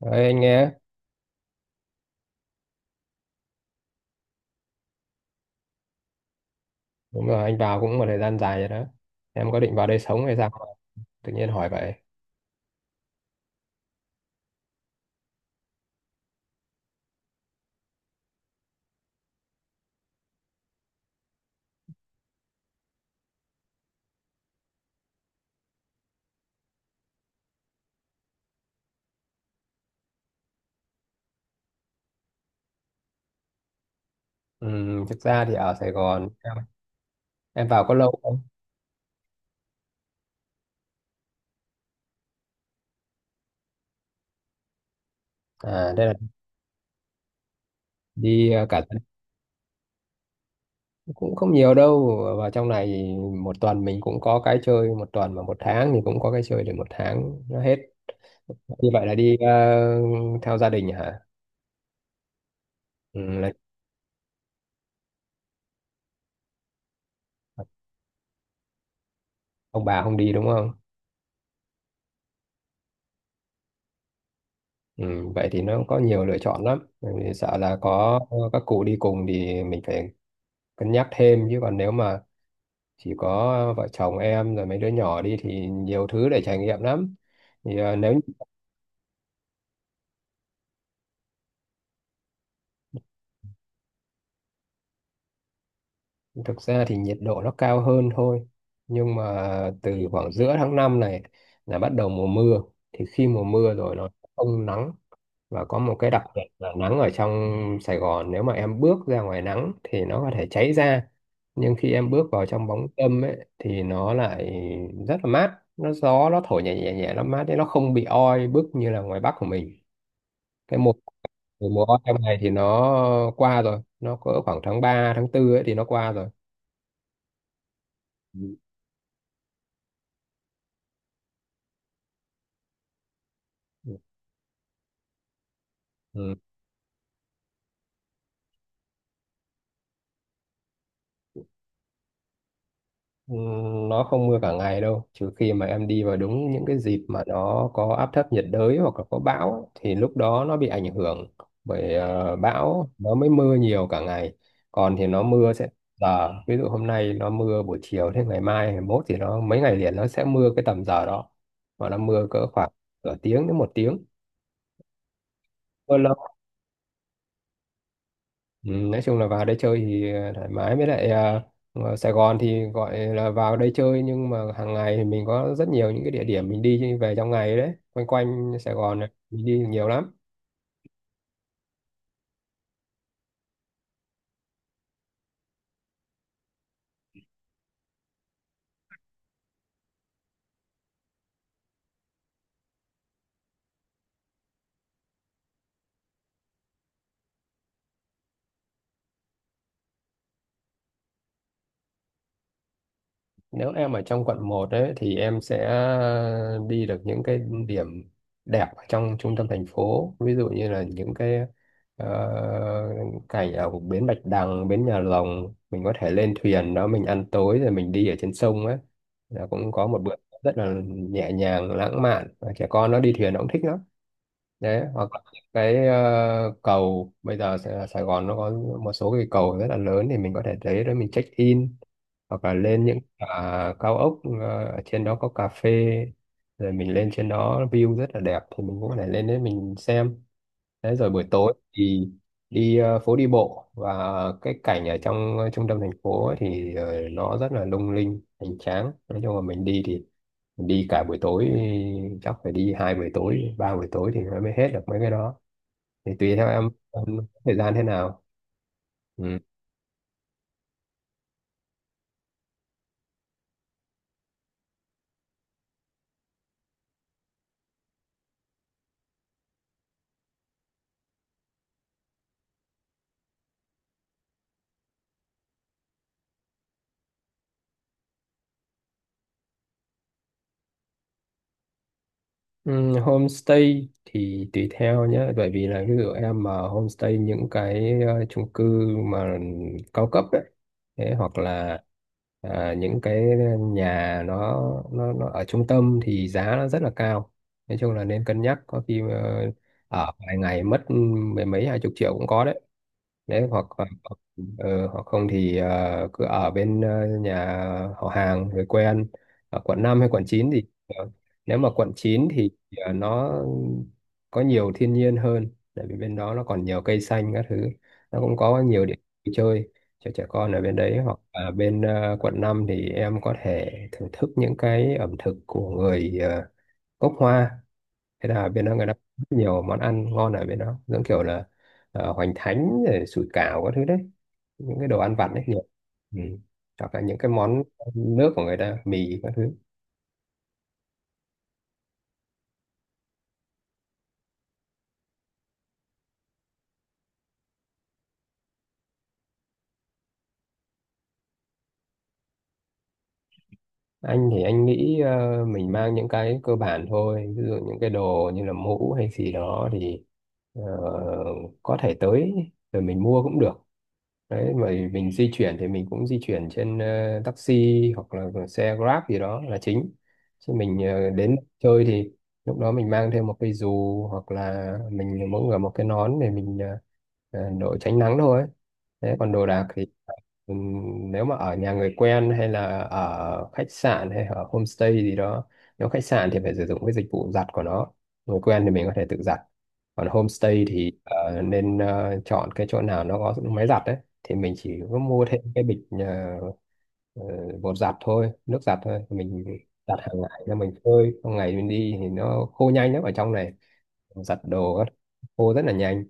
Đấy, anh nghe. Đúng rồi, anh vào cũng một thời gian dài rồi đó. Em có định vào đây sống hay sao mà tự nhiên hỏi vậy? Ừ, thực ra thì ở Sài Gòn, em vào có lâu không? À đây là đi cả tuần. Cũng không nhiều đâu, vào trong này thì một tuần mình cũng có cái chơi một tuần, mà một tháng thì cũng có cái chơi để một tháng nó hết. Như vậy là đi theo gia đình hả? Ừ, là ông bà không đi đúng không? Ừ, vậy thì nó có nhiều lựa chọn lắm. Bởi vì sợ là có các cụ đi cùng thì mình phải cân nhắc thêm, chứ còn nếu mà chỉ có vợ chồng em rồi mấy đứa nhỏ đi thì nhiều thứ để trải nghiệm lắm. Thì à, nếu Thực ra thì nhiệt độ nó cao hơn thôi, nhưng mà từ khoảng giữa tháng 5 này là bắt đầu mùa mưa. Thì khi mùa mưa rồi nó không nắng. Và có một cái đặc biệt là nắng ở trong Sài Gòn, nếu mà em bước ra ngoài nắng thì nó có thể cháy da, nhưng khi em bước vào trong bóng râm ấy thì nó lại rất là mát. Nó gió, nó thổi nhẹ nhẹ nhẹ, nó mát đấy, nó không bị oi bức như là ngoài Bắc của mình. Cái mùa Thì mùa autumn này thì nó qua rồi, nó có khoảng tháng 3 tháng 4 ấy thì nó qua rồi. Ừ. Ừ. Ừ, nó không mưa cả ngày đâu, trừ khi mà em đi vào đúng những cái dịp mà nó có áp thấp nhiệt đới hoặc là có bão ấy, thì lúc đó nó bị ảnh hưởng bởi bão nó mới mưa nhiều cả ngày. Còn thì nó mưa sẽ giờ, ví dụ hôm nay nó mưa buổi chiều, thế ngày mai, ngày mốt thì nó mấy ngày liền nó sẽ mưa cái tầm giờ đó. Và nó mưa cỡ khoảng nửa tiếng đến một tiếng. Ừ, nói chung là vào đây chơi thì thoải mái. Với lại ở Sài Gòn thì gọi là vào đây chơi nhưng mà hàng ngày thì mình có rất nhiều những cái địa điểm mình đi về trong ngày đấy, quanh quanh Sài Gòn này mình đi nhiều lắm. Nếu em ở trong quận 1 đấy thì em sẽ đi được những cái điểm đẹp ở trong trung tâm thành phố, ví dụ như là những cái ờ, cảnh ở bến Bạch Đằng, bến Nhà Rồng, mình có thể lên thuyền đó mình ăn tối rồi mình đi ở trên sông ấy, là cũng có một bữa rất là nhẹ nhàng lãng mạn, và trẻ con nó đi thuyền nó cũng thích lắm. Đấy, hoặc là những cái cầu, bây giờ Sài Sài Gòn nó có một số cái cầu rất là lớn thì mình có thể tới đó mình check in. Hoặc là lên những cao ốc, ở trên đó có cà phê, rồi mình lên trên đó view rất là đẹp thì mình cũng có thể lên đấy mình xem. Đấy rồi buổi tối thì đi phố đi bộ, và cái cảnh ở trong trung tâm thành phố ấy thì nó rất là lung linh hoành tráng. Nói chung là mình đi thì đi cả buổi tối, chắc phải đi hai buổi tối, ba buổi tối thì nó mới hết được mấy cái đó. Thì tùy theo em có thời gian thế nào. Ừ. Ừ, homestay thì tùy theo nhé. Bởi vì là ví dụ em mà homestay những cái chung cư mà cao cấp đấy, thế hoặc là những cái nhà nó ở trung tâm thì giá nó rất là cao. Nói chung là nên cân nhắc, có khi ở vài ngày mất mười mấy hai chục triệu cũng có đấy. Đấy hoặc hoặc không thì cứ ở bên nhà họ hàng người quen ở quận 5 hay quận 9 thì nếu mà quận 9 thì nó có nhiều thiên nhiên hơn, tại vì bên đó nó còn nhiều cây xanh các thứ, nó cũng có nhiều điểm vui chơi cho trẻ con ở bên đấy. Hoặc ở bên quận 5 thì em có thể thưởng thức những cái ẩm thực của người gốc Hoa. Thế là bên đó người ta có rất nhiều món ăn ngon, ở bên đó giống kiểu là hoành thánh rồi sủi cảo các thứ đấy, những cái đồ ăn vặt đấy nhiều. Ừ. Hoặc là những cái món nước của người ta, mì các thứ. Anh thì anh nghĩ mình mang những cái cơ bản thôi, ví dụ những cái đồ như là mũ hay gì đó thì ờ, có thể tới rồi mình mua cũng được. Đấy, mà mình di chuyển thì mình cũng di chuyển trên taxi hoặc là xe Grab gì đó là chính, chứ mình đến chơi thì lúc đó mình mang thêm một cái dù hoặc là mình mỗi người một cái nón để mình đội tránh nắng thôi. Thế còn đồ đạc thì ừm, nếu mà ở nhà người quen hay là ở khách sạn hay ở homestay gì đó, nếu khách sạn thì phải sử dụng cái dịch vụ giặt của nó, người quen thì mình có thể tự giặt, còn homestay thì nên chọn cái chỗ nào nó có máy giặt đấy, thì mình chỉ có mua thêm cái bịch ờ, bột giặt thôi, nước giặt thôi. Mình giặt hàng ngày là mình phơi trong ngày, mình đi thì nó khô nhanh lắm ở trong này, giặt đồ các khô rất là nhanh.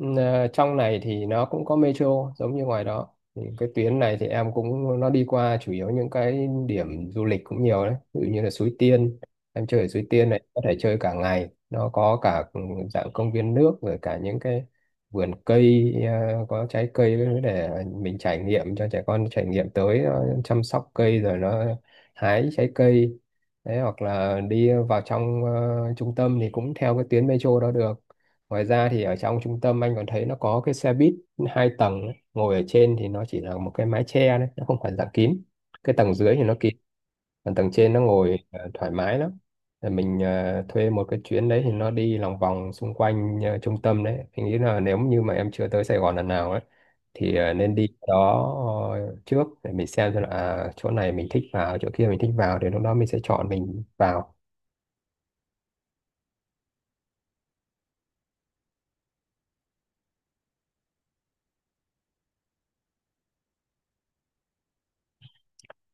Trong này thì nó cũng có metro giống như ngoài đó, thì cái tuyến này thì em cũng nó đi qua chủ yếu những cái điểm du lịch cũng nhiều đấy, ví dụ như là Suối Tiên. Em chơi ở Suối Tiên này có thể chơi cả ngày, nó có cả dạng công viên nước rồi cả những cái vườn cây có trái cây để mình trải nghiệm, cho trẻ con trải nghiệm tới nó chăm sóc cây rồi nó hái trái cây. Đấy hoặc là đi vào trong trung tâm thì cũng theo cái tuyến metro đó được. Ngoài ra thì ở trong trung tâm anh còn thấy nó có cái xe buýt hai tầng ấy. Ngồi ở trên thì nó chỉ là một cái mái che đấy, nó không phải dạng kín. Cái tầng dưới thì nó kín, còn tầng trên nó ngồi thoải mái lắm. Rồi mình thuê một cái chuyến đấy thì nó đi lòng vòng xung quanh trung tâm đấy. Anh nghĩ là nếu như mà em chưa tới Sài Gòn lần nào ấy thì nên đi đó trước, để mình xem là chỗ này mình thích vào, chỗ kia mình thích vào thì lúc đó mình sẽ chọn mình vào.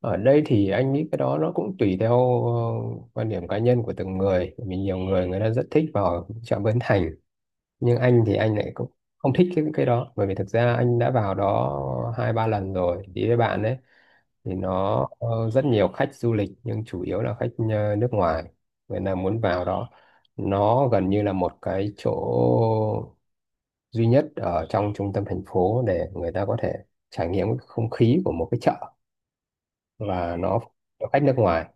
Ở đây thì anh nghĩ cái đó nó cũng tùy theo quan điểm cá nhân của từng người. Bởi vì nhiều người người ta rất thích vào chợ Bến Thành, nhưng anh thì anh lại cũng không thích cái đó, bởi vì thực ra anh đã vào đó hai ba lần rồi đi với bạn ấy, thì nó rất nhiều khách du lịch, nhưng chủ yếu là khách nước ngoài. Người ta muốn vào đó, nó gần như là một cái chỗ duy nhất ở trong trung tâm thành phố để người ta có thể trải nghiệm cái không khí của một cái chợ, và nó phục vụ cho khách nước ngoài.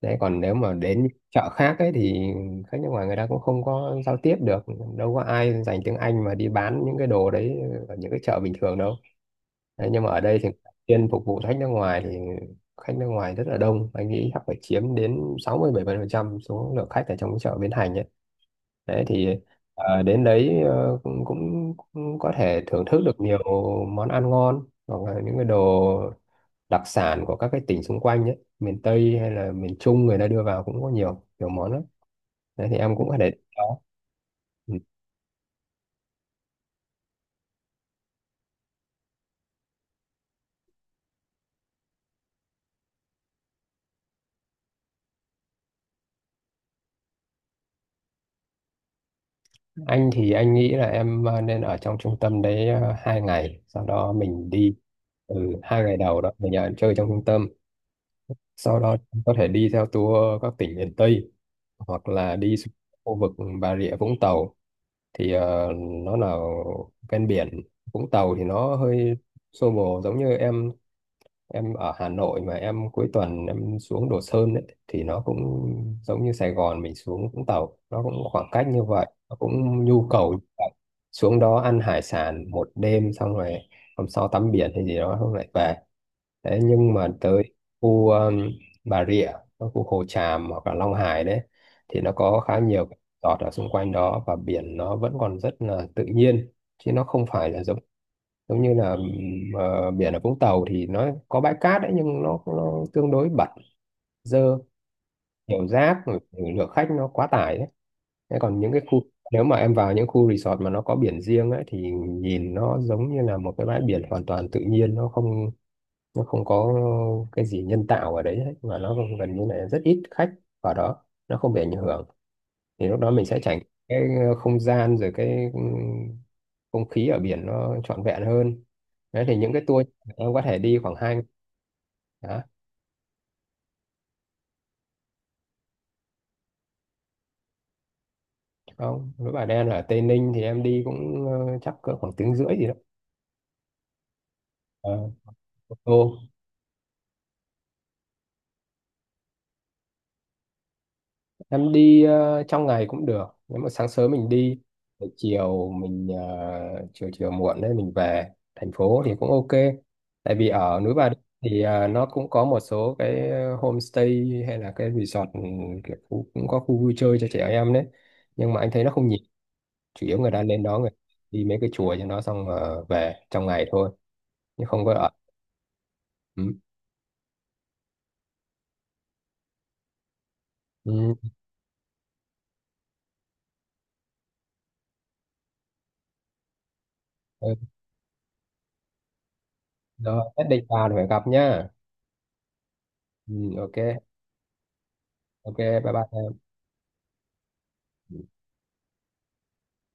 Đấy còn nếu mà đến chợ khác ấy thì khách nước ngoài người ta cũng không có giao tiếp được, đâu có ai dành tiếng Anh mà đi bán những cái đồ đấy ở những cái chợ bình thường đâu. Đấy, nhưng mà ở đây thì chuyên phục vụ khách nước ngoài thì khách nước ngoài rất là đông, anh nghĩ chắc phải chiếm đến 60-70% số lượng khách ở trong cái chợ Bến Thành ấy. Đấy thì đến đấy cũng, cũng cũng có thể thưởng thức được nhiều món ăn ngon, hoặc là những cái đồ đặc sản của các cái tỉnh xung quanh ấy, miền Tây hay là miền Trung người ta đưa vào cũng có nhiều nhiều món lắm. Đấy thì em cũng có thể đó. Ừ, anh thì anh nghĩ là em nên ở trong trung tâm đấy hai ngày, sau đó mình đi. Ừ, hai ngày đầu đó mình ở chơi trong trung tâm, sau đó có thể đi theo tour các tỉnh miền Tây hoặc là đi xuống khu vực Bà Rịa Vũng Tàu. Thì nó là ven biển. Vũng Tàu thì nó hơi xô bồ, giống như em ở Hà Nội mà em cuối tuần em xuống Đồ Sơn ấy, thì nó cũng giống như Sài Gòn mình xuống Vũng Tàu, nó cũng khoảng cách như vậy, nó cũng nhu cầu như vậy. Xuống đó ăn hải sản một đêm xong rồi hôm sau tắm biển hay gì đó xong lại về. Đấy, nhưng mà tới khu Bà Rịa, các khu Hồ Tràm hoặc là Long Hải đấy, thì nó có khá nhiều cái resort ở xung quanh đó, và biển nó vẫn còn rất là tự nhiên, chứ nó không phải là giống giống như là biển ở Vũng Tàu thì nó có bãi cát đấy nhưng nó tương đối bẩn, dơ, nhiều rác rồi, lượng khách nó quá tải đấy. Thế còn những cái khu, nếu mà em vào những khu resort mà nó có biển riêng ấy thì nhìn nó giống như là một cái bãi biển hoàn toàn tự nhiên, nó không có cái gì nhân tạo ở đấy hết, và nó gần như là rất ít khách vào đó, nó không bị ảnh hưởng, thì lúc đó mình sẽ trải nghiệm cái không gian rồi cái không khí ở biển nó trọn vẹn hơn. Đấy thì những cái tour em có thể đi khoảng hai ngày. Đó. Không, núi Bà Đen ở Tây Ninh thì em đi cũng chắc cỡ khoảng tiếng rưỡi gì đó. Ờ, ô tô. Em đi trong ngày cũng được, nếu mà sáng sớm mình đi rồi chiều mình chiều chiều muộn đấy mình về thành phố thì cũng ok. Tại vì ở núi Bà Đen thì nó cũng có một số cái homestay hay là cái resort, ừ, kiểu khu, cũng có khu vui chơi cho trẻ em đấy, nhưng mà anh thấy nó không nhiều, chủ yếu người ta lên đó, người đi mấy cái chùa cho nó xong về trong ngày thôi chứ không có ở. Ừ. Ừ. Ừ, rồi, nhất định vào thì phải gặp nhá. Ừ, ok. Ok. Bye bye.